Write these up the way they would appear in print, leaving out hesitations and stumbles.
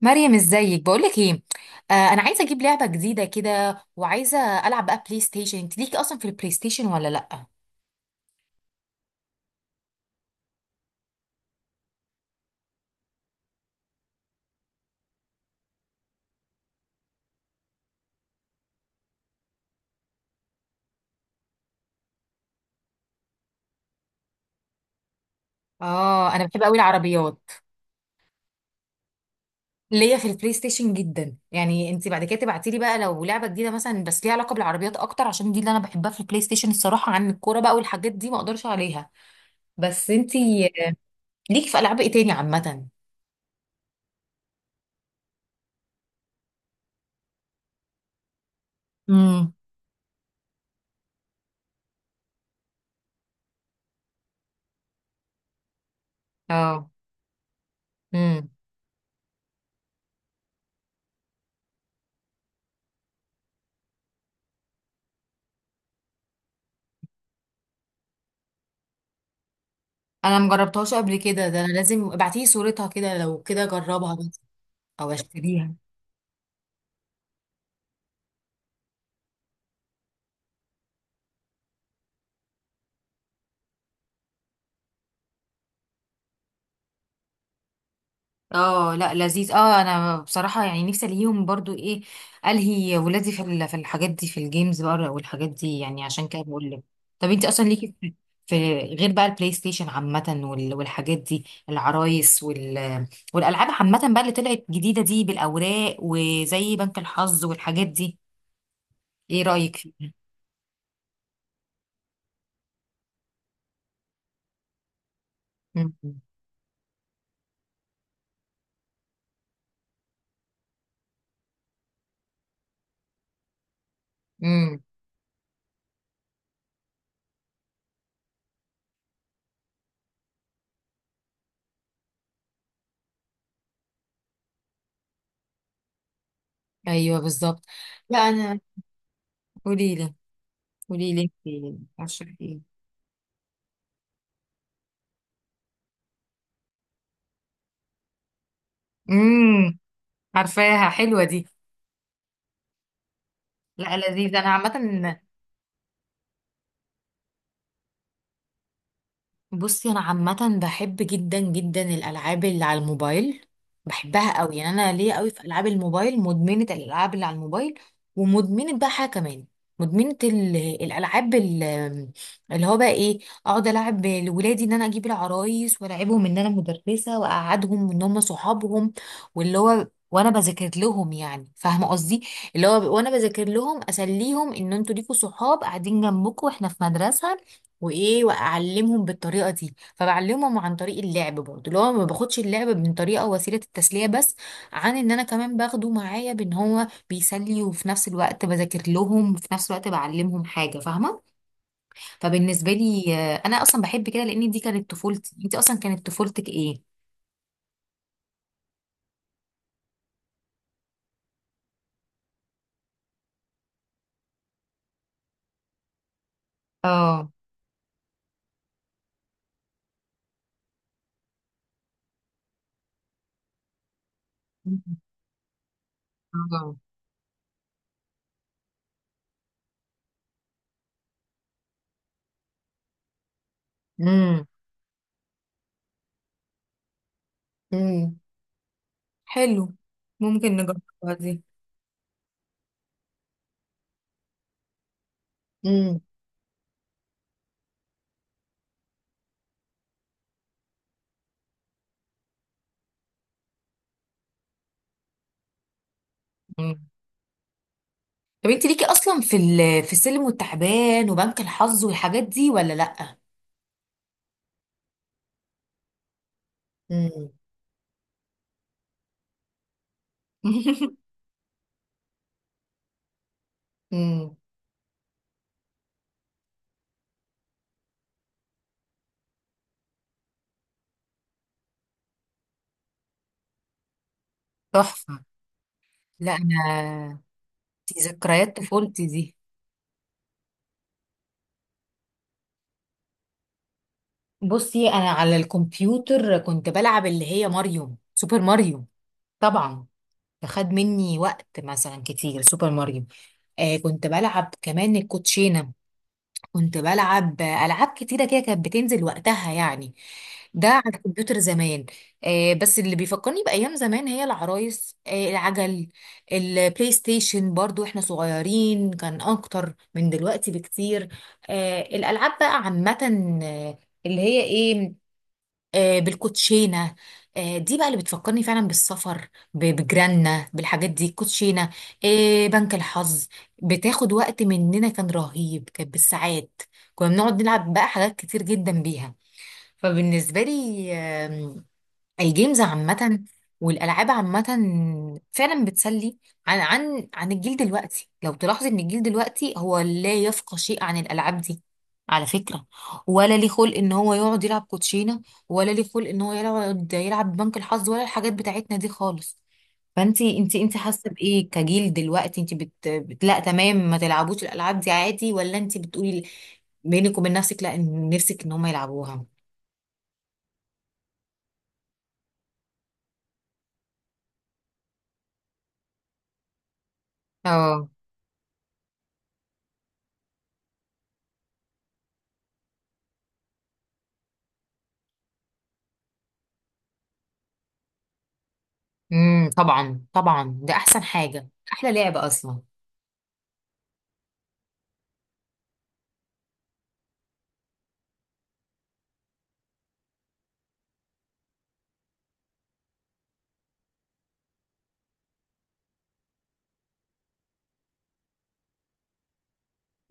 مريم، ازيك؟ بقولك ايه، آه انا عايزه اجيب لعبه جديده كده وعايزه العب بقى بلاي ستيشن. انت ليكي اصلا في البلاي ستيشن ولا لا؟ اه، انا بحب قوي العربيات. ليا في البلاي ستيشن جدا، يعني انت بعد كده تبعتي لي بقى لو لعبه جديده مثلا، بس ليها علاقه بالعربيات اكتر عشان دي اللي انا بحبها في البلاي ستيشن الصراحه، عن الكوره بقى والحاجات دي ما اقدرش عليها. بس انت ليكي في العاب ايه تاني عامه؟ امم. اه. امم. انا مجربتهاش قبل كده، ده انا لازم ابعتي لي صورتها كده لو كده اجربها بس. او اشتريها. اه لا، لذيذ، اه انا بصراحه يعني نفسي الهيهم برضو ايه، الهي ولادي في الحاجات دي، في الجيمز بقى والحاجات دي، يعني عشان كده بقول لك. طب انت اصلا ليكي في، في غير بقى البلاي ستيشن عامه والحاجات دي، العرايس والالعاب عامه بقى اللي طلعت جديده دي بالاوراق، وزي بنك الحظ والحاجات دي. ايه رايك فيها؟ امم. أمم. ايوه بالظبط. لا انا. قولي لي قولي لي إنتي عشان ايه؟ امم. عارفاها، حلوه دي. لا لذيذ، انا عامه. بصي انا عامه بحب جدا جدا الالعاب اللي على الموبايل، بحبها قوي يعني، انا ليا قوي في العاب الموبايل، مدمنه الالعاب اللي على الموبايل، ومدمنه بقى حاجه كمان. مدمنه الالعاب اللي هو بقى ايه، اقعد العب لولادي، ان انا اجيب العرايس والعبهم، ان انا مدرسه واقعدهم ان هم صحابهم، واللي هو وانا بذاكر لهم، يعني فاهمه قصدي، اللي هو وانا بذاكر لهم اسليهم ان انتوا ليكوا صحاب قاعدين جنبكم واحنا في مدرسه، وايه، واعلمهم بالطريقه دي، فبعلمهم عن طريق اللعب، برضو اللي هو ما باخدش اللعب من طريقه وسيله التسليه بس، عن ان انا كمان باخده معايا بان هو بيسلي، وفي نفس الوقت بذاكر لهم، وفي نفس الوقت بعلمهم حاجه، فاهمه؟ فبالنسبه لي، آه، انا اصلا بحب كده لان دي كانت طفولتي. انت اصلا كانت طفولتك ايه؟ اه. اه. امم. امم. حلو، ممكن نجربها دي. امم. طب انت ليكي اصلا في السلم والتعبان وبنك الحظ والحاجات دي ولا لا؟ امم. امم. تحفه. لا انا. دي ذكريات طفولتي دي. بصي انا على الكمبيوتر كنت بلعب اللي هي ماريو، سوبر ماريو طبعا، فخد مني وقت مثلا كتير سوبر ماريو. آه كنت بلعب كمان الكوتشينه، كنت بلعب ألعاب كتيرة كده، كانت بتنزل وقتها يعني، ده على الكمبيوتر زمان. آه بس اللي بيفكرني بأيام زمان هي العرايس، آه العجل، البلاي ستيشن برضو احنا صغيرين كان أكتر من دلوقتي بكتير. آه الألعاب بقى عامة. آه، اللي هي ايه، آه، بالكوتشينه، آه، دي بقى اللي بتفكرني فعلا بالسفر، بجيراننا بالحاجات دي، الكوتشينه، آه، بنك الحظ، بتاخد وقت مننا كان رهيب، كانت بالساعات، كنا بنقعد نلعب بقى حاجات كتير جدا بيها، فبالنسبه لي الجيمز عامة والألعاب عامة فعلا بتسلي، عن الجيل دلوقتي، لو تلاحظي إن الجيل دلوقتي هو لا يفقه شيء عن الألعاب دي على فكرة، ولا ليه خلق إن هو يقعد يلعب كوتشينة، ولا ليه خلق إن هو يقعد يلعب بنك الحظ ولا الحاجات بتاعتنا دي خالص. فانتي انتي انتي حاسة بإيه كجيل دلوقتي؟ انتي لا، تمام، ما تلعبوش الألعاب دي عادي، ولا انتي بتقولي بينك وبين نفسك لا، نفسك إن هم يلعبوها. اه. امم. طبعا، طبعا ده احسن حاجه، احلى لعبه اصلا.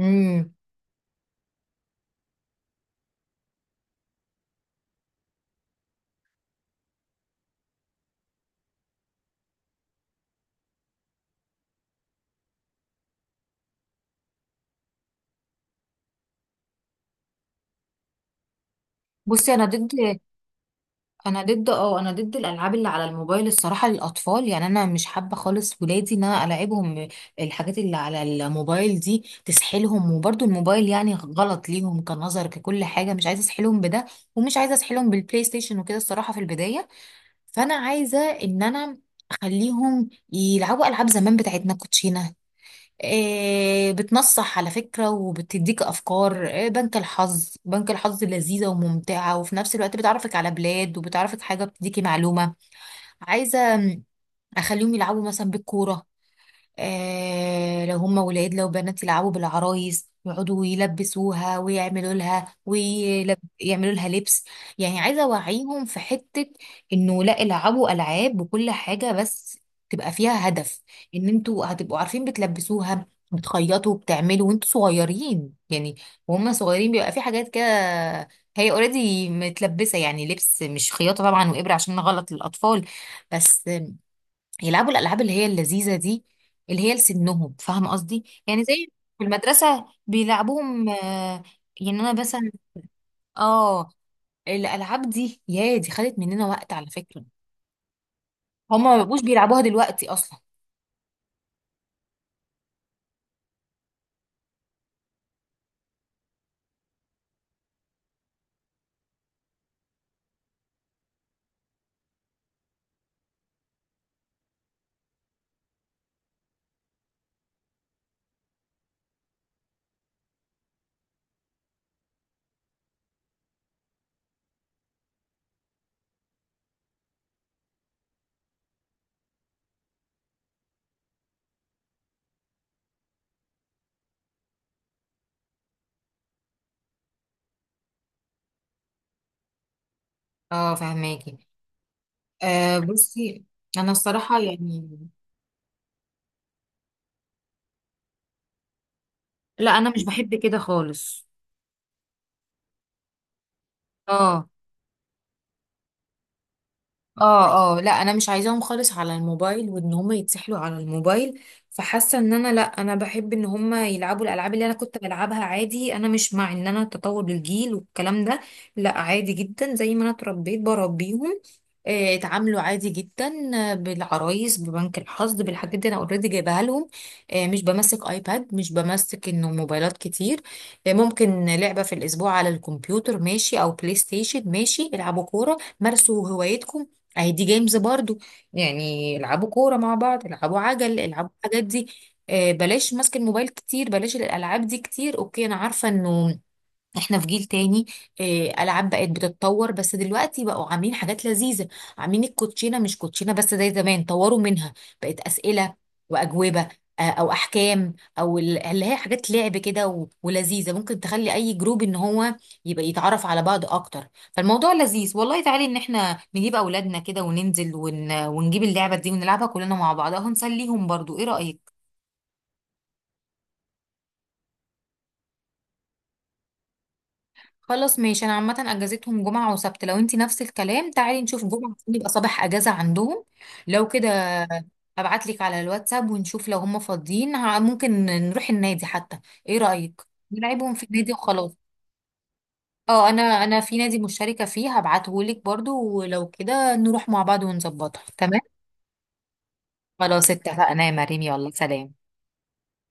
امم. بصي انا ضد، اه انا ضد الالعاب اللي على الموبايل الصراحه للاطفال يعني، انا مش حابه خالص ولادي ان انا العبهم الحاجات اللي على الموبايل دي، تسحلهم وبرضو الموبايل يعني غلط ليهم كنظر ككل حاجه، مش عايزه اسحلهم بده، ومش عايزه اسحلهم بالبلاي ستيشن وكده الصراحه في البدايه، فانا عايزه ان انا اخليهم يلعبوا العاب زمان بتاعتنا، كوتشينه، آه، بتنصح على فكرة وبتديك أفكار، آه، بنك الحظ، بنك الحظ لذيذة وممتعة، وفي نفس الوقت بتعرفك على بلاد، وبتعرفك حاجة، بتديكي معلومة، عايزة أخليهم يلعبوا مثلا بالكورة، آه لو هم ولاد، لو بنات يلعبوا بالعرايس، يقعدوا يلبسوها ويعملوا لها لبس، يعني عايزه اوعيهم في حته انه لا، العبوا العاب وكل حاجه بس تبقى فيها هدف، ان انتوا هتبقوا عارفين بتلبسوها، بتخيطوا، بتعملوا وانتوا صغيرين يعني، وهم صغيرين بيبقى في حاجات كده، هي اوريدي متلبسه يعني لبس، مش خياطه طبعا وابره عشان غلط للاطفال، بس يلعبوا الالعاب اللي هي اللذيذه دي، اللي هي لسنهم، فاهمه قصدي؟ يعني زي في المدرسه بيلعبوهم، آه، يعني انا مثلا، اه، الالعاب دي يا دي خدت مننا وقت على فكره، هما ما بقوش بيلعبوها دلوقتي اصلا. اه، فهماكي. آه بصي انا الصراحه يعني، لا انا مش بحب كده خالص. اه، اه، اه، لا انا مش عايزاهم خالص على الموبايل، وان هم يتسحلوا على الموبايل، فحاسه ان انا، لا انا بحب ان هم يلعبوا الالعاب اللي انا كنت بلعبها عادي، انا مش مع ان انا تطور الجيل والكلام ده، لا عادي جدا زي ما انا اتربيت بربيهم، آه، اتعاملوا عادي جدا، آه، بالعرايس، ببنك الحظ، بالحاجات دي انا اوريدي جايبها لهم، آه، مش بمسك ايباد، مش بمسك انه موبايلات كتير، آه، ممكن لعبه في الاسبوع على الكمبيوتر ماشي، او بلاي ستيشن ماشي، العبوا كوره، مارسوا هوايتكم، اهي دي جيمز برضو، يعني العبوا كورة مع بعض، العبوا عجل، العبوا الحاجات دي، آه، بلاش ماسك الموبايل كتير، بلاش الالعاب دي كتير، اوكي انا عارفة انه احنا في جيل تاني، آه، العاب بقت بتتطور، بس دلوقتي بقوا عاملين حاجات لذيذه، عاملين الكوتشينه مش كوتشينه بس زي زمان، طوروا منها، بقت اسئله واجوبه، آه، او احكام، او اللي هي حاجات لعب كده ولذيذه، ممكن تخلي اي جروب ان هو يبقى يتعرف على بعض اكتر، فالموضوع لذيذ والله، تعالي ان احنا نجيب اولادنا كده وننزل ونجيب اللعبه دي، ونلعبها كلنا مع بعض، هنسليهم برضو، ايه رايك؟ خلاص ماشي، انا عامه اجازتهم جمعه وسبت، لو انتي نفس الكلام تعالي نشوف جمعه عشان يبقى صباح اجازه عندهم، لو كده ابعتلك على الواتساب ونشوف لو هم فاضيين، ممكن نروح النادي حتى، ايه رايك؟ نلعبهم في النادي وخلاص. اه، انا في نادي مشتركه فيه، هبعتهولك برضو ولو كده نروح مع بعض ونظبطها تمام. خلاص اتفقنا يا مريم، يلا سلام.